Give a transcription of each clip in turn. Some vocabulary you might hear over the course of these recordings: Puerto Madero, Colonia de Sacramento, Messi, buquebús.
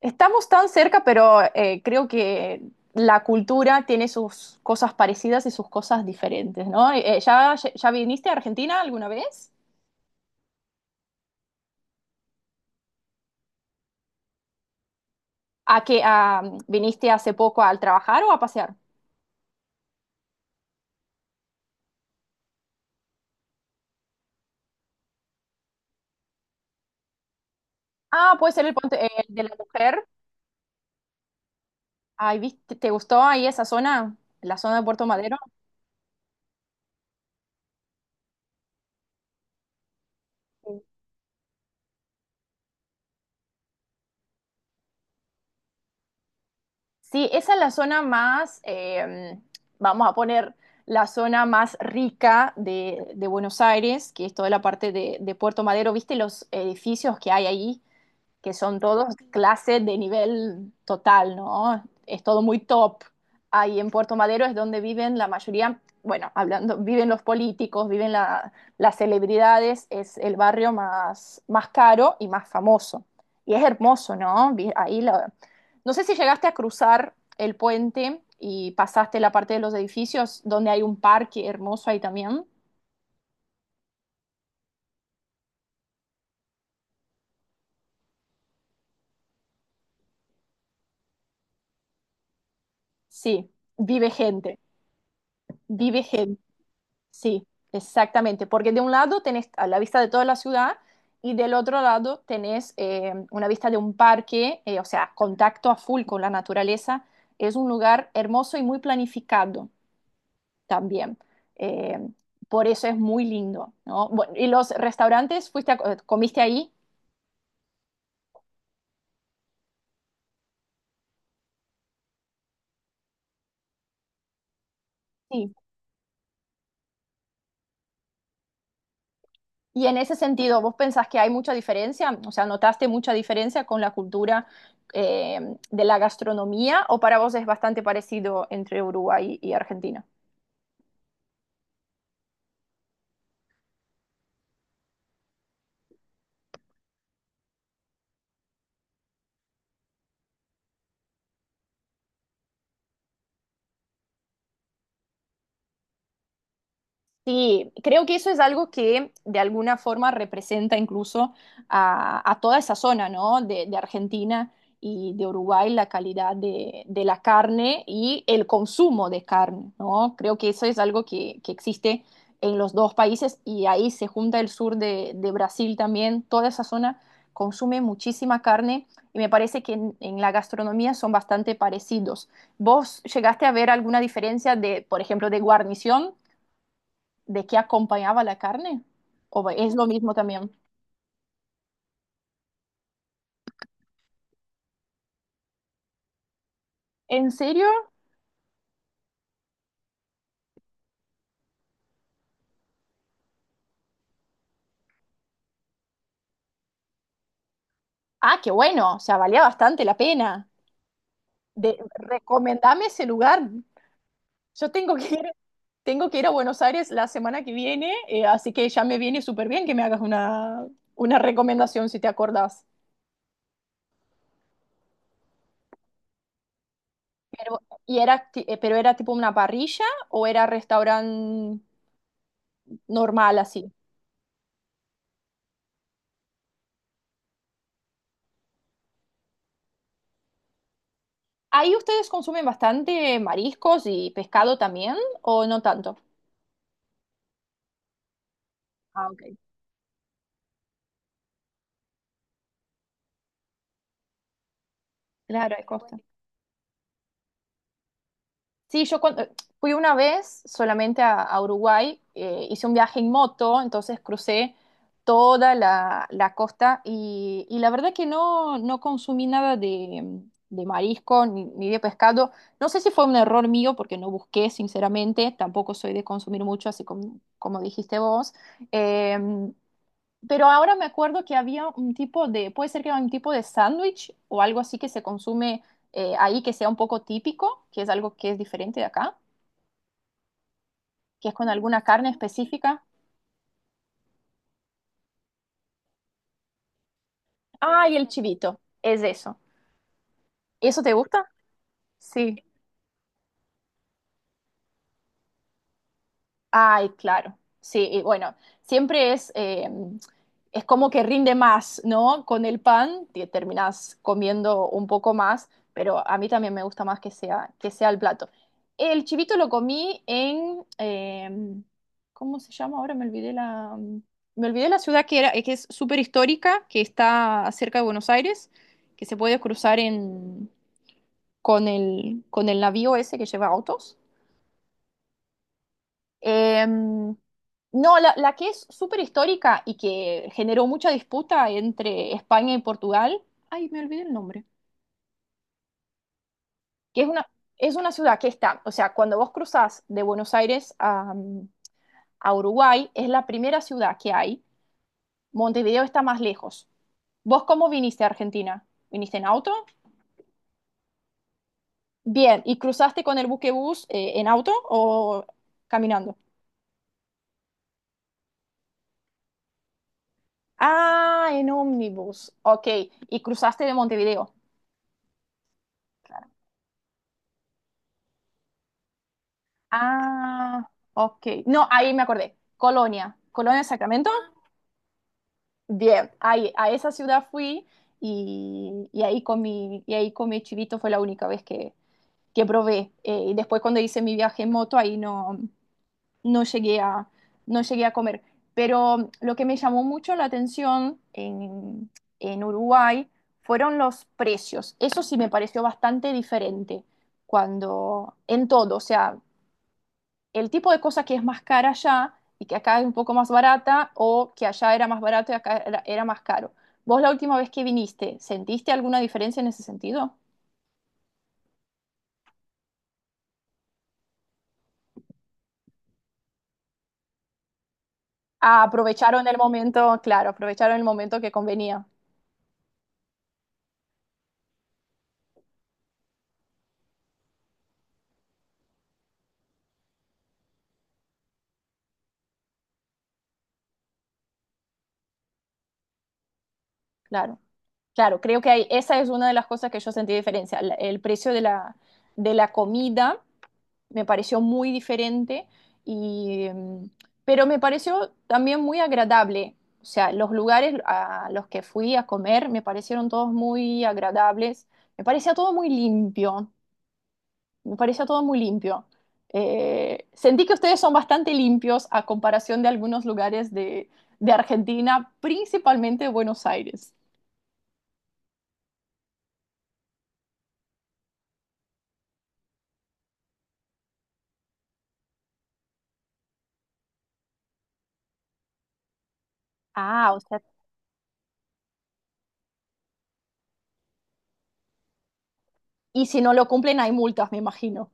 Estamos tan cerca, pero creo que la cultura tiene sus cosas parecidas y sus cosas diferentes, ¿no? ¿Ya viniste a Argentina alguna vez? ¿A qué viniste hace poco al trabajar o a pasear? Ah, puede ser el puente de la mujer. Ay, ¿viste? ¿Te gustó ahí esa zona? La zona de Puerto Madero. Sí, esa es la zona más, vamos a poner la zona más rica de Buenos Aires, que es toda la parte de Puerto Madero. ¿Viste los edificios que hay ahí? Que son todos clases de nivel total, ¿no? Es todo muy top. Ahí en Puerto Madero es donde viven la mayoría, bueno, hablando, viven los políticos, viven la, las celebridades, es el barrio más, más caro y más famoso. Y es hermoso, ¿no? Ahí la... No sé si llegaste a cruzar el puente y pasaste la parte de los edificios donde hay un parque hermoso ahí también. Sí, vive gente, vive gente. Sí, exactamente, porque de un lado tenés a la vista de toda la ciudad y del otro lado tenés una vista de un parque, o sea, contacto a full con la naturaleza. Es un lugar hermoso y muy planificado también. Eh, por eso es muy lindo, ¿no? Bueno, ¿y los restaurantes fuiste comiste ahí? Sí. Y en ese sentido, ¿vos pensás que hay mucha diferencia? O sea, ¿notaste mucha diferencia con la cultura eh, de la gastronomía o para vos es bastante parecido entre Uruguay y Argentina? Sí, creo que eso es algo que de alguna forma representa incluso a toda esa zona, ¿no? De Argentina y de Uruguay, la calidad de la carne y el consumo de carne, ¿no? Creo que eso es algo que existe en los dos países y ahí se junta el sur de Brasil también, toda esa zona consume muchísima carne y me parece que en la gastronomía son bastante parecidos. ¿Vos llegaste a ver alguna diferencia de, por ejemplo, de guarnición? ¿De qué acompañaba la carne? ¿O es lo mismo también? ¿En serio? Ah, qué bueno, o sea, valía bastante la pena. De, recomendame ese lugar. Yo tengo que ir a Buenos Aires la semana que viene, así que ya me viene súper bien que me hagas una recomendación si te acordás. Pero, y era, pero era tipo una parrilla o era restaurante normal así. ¿Ahí ustedes consumen bastante mariscos y pescado también o no tanto? Ah, ok. Claro, hay costa. Sí, yo cuando, fui una vez solamente a Uruguay, hice un viaje en moto, entonces crucé toda la costa y la verdad que no, no consumí nada de, de marisco ni, ni de pescado. No sé si fue un error mío porque no busqué, sinceramente, tampoco soy de consumir mucho, así como, como dijiste vos. Eh, pero ahora me acuerdo que había un tipo de, puede ser que era un tipo de sándwich o algo así que se consume ahí que sea un poco típico, que es algo que es diferente de acá, que es con alguna carne específica. Ay, el chivito, es eso. ¿Eso te gusta? Sí. Ay, claro. Sí, y bueno, siempre es como que rinde más, ¿no? Con el pan te terminás comiendo un poco más, pero a mí también me gusta más que sea el plato. El chivito lo comí en, ¿cómo se llama? Ahora me olvidé la, mm, me olvidé la ciudad que era, que es súper histórica, que está cerca de Buenos Aires, que se puede cruzar en, con el navío ese que lleva autos. Em, no, la que es súper histórica y que generó mucha disputa entre España y Portugal. Ay, me olvidé el nombre. Que es una ciudad que está, o sea, cuando vos cruzás de Buenos Aires a Uruguay, es la primera ciudad que hay. Montevideo está más lejos. ¿Vos cómo viniste a Argentina? ¿Viniste en auto? Bien, ¿y cruzaste con el buquebús en auto o caminando? Ah, en ómnibus. Ok, y cruzaste de Montevideo. Ah, ok. No, ahí me acordé. Colonia. Colonia de Sacramento. Bien, ahí, a esa ciudad fui y ahí comí chivito, fue la única vez que probé. Y después cuando hice mi viaje en moto, ahí no, no llegué a, no llegué a comer. Pero lo que me llamó mucho la atención en Uruguay fueron los precios. Eso sí me pareció bastante diferente cuando, en todo, o sea, el tipo de cosa que es más cara allá y que acá es un poco más barata o que allá era más barato y acá era, era más caro. ¿Vos la última vez que viniste, sentiste alguna diferencia en ese sentido? Ah, aprovecharon el momento, claro, aprovecharon el momento que convenía, claro. Claro, creo que hay, esa es una de las cosas que yo sentí diferencia, la- el precio de la comida me pareció muy diferente y mm, pero me pareció también muy agradable. O sea, los lugares a los que fui a comer me parecieron todos muy agradables. Me parecía todo muy limpio. Me parecía todo muy limpio. Sentí que ustedes son bastante limpios a comparación de algunos lugares de Argentina, principalmente Buenos Aires. Ah, o sea, y si no lo cumplen hay multas, me imagino.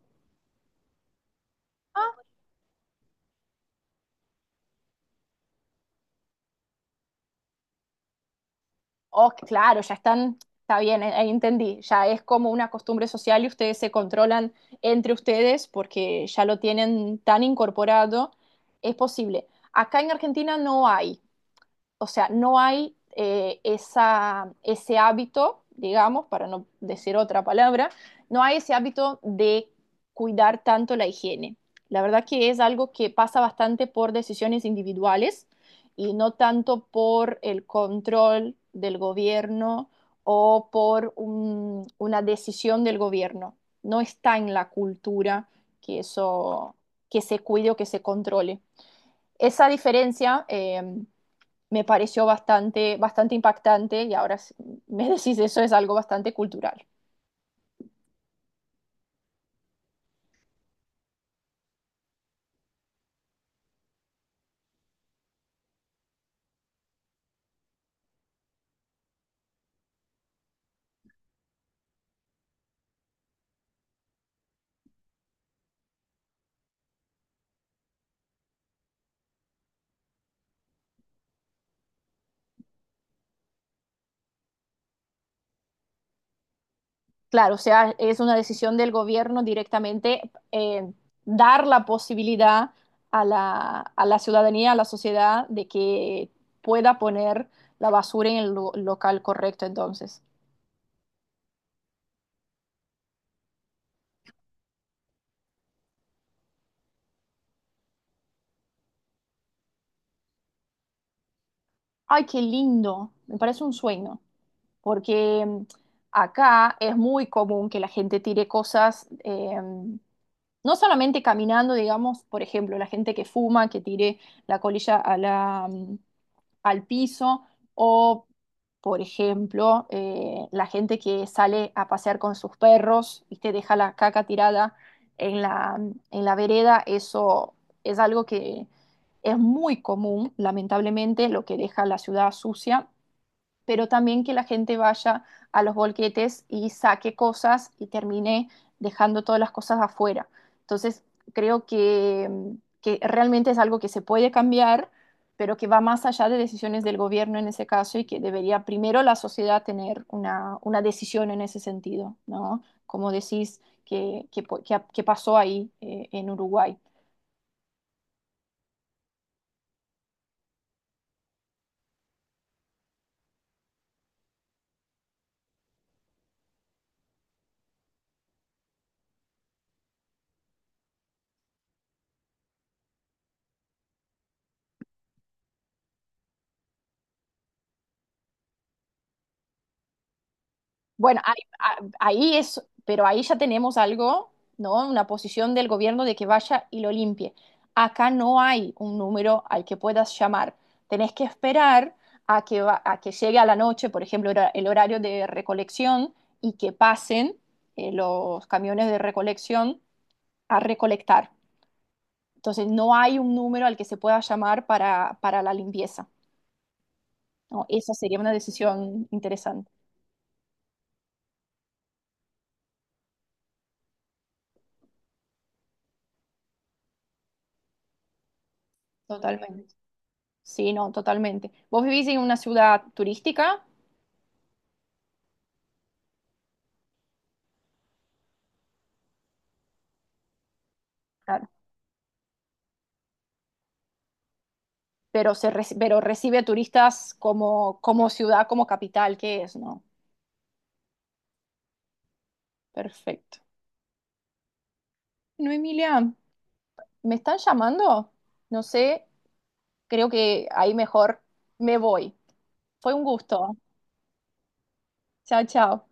Oh, claro, ya están, está bien, ahí entendí. Ya es como una costumbre social y ustedes se controlan entre ustedes porque ya lo tienen tan incorporado. Es posible. Acá en Argentina no hay o sea, no hay esa, ese hábito, digamos, para no decir otra palabra, no hay ese hábito de cuidar tanto la higiene. La verdad que es algo que pasa bastante por decisiones individuales y no tanto por el control del gobierno o por un- una decisión del gobierno. No está en la cultura que eso, que se cuide o que se controle. Esa diferencia me pareció bastante, bastante impactante y ahora me decís eso es algo bastante cultural. Claro, o sea, es una decisión del gobierno directamente eh, dar la posibilidad a la, ciudadanía, a la sociedad, de que pueda poner la basura en el local correcto entonces. Ay, qué lindo. Me parece un sueño. Porque mm, acá es muy común que la gente tire cosas, no solamente caminando, digamos, por ejemplo, la gente que fuma, que tire la colilla a la, mm, al piso o, por ejemplo, la gente que sale a pasear con sus perros y te deja la caca tirada en la, en la vereda, eso es algo que es muy común, lamentablemente, lo que deja la ciudad sucia pero también que la gente vaya a los bolquetes y saque cosas y termine dejando todas las cosas afuera. Entonces, creo que realmente es algo que se puede cambiar, pero que va más allá de decisiones del gobierno en ese caso y que debería primero la sociedad tener una decisión en ese sentido, ¿no? Como decís, que pasó ahí en Uruguay. Bueno, ahí, ah, ahí es, pero ahí ya tenemos algo, ¿no? Una posición del gobierno de que vaya y lo limpie. Acá no hay un número al que puedas llamar. Tenés que esperar a que, va- a que llegue a la noche, por ejemplo, hora- el horario de recolección y que pasen los camiones de recolección a recolectar. Entonces, no hay un número al que se pueda llamar para la limpieza, ¿no? Esa sería una decisión interesante. Totalmente. Sí, no, totalmente. Vos vivís en una ciudad turística, claro. Pero, pero recibe turistas como, como ciudad, como capital que es, ¿no? Perfecto. No, Emilia, ¿me están llamando? No sé, creo que ahí mejor me voy. Fue un gusto. Chao, chao.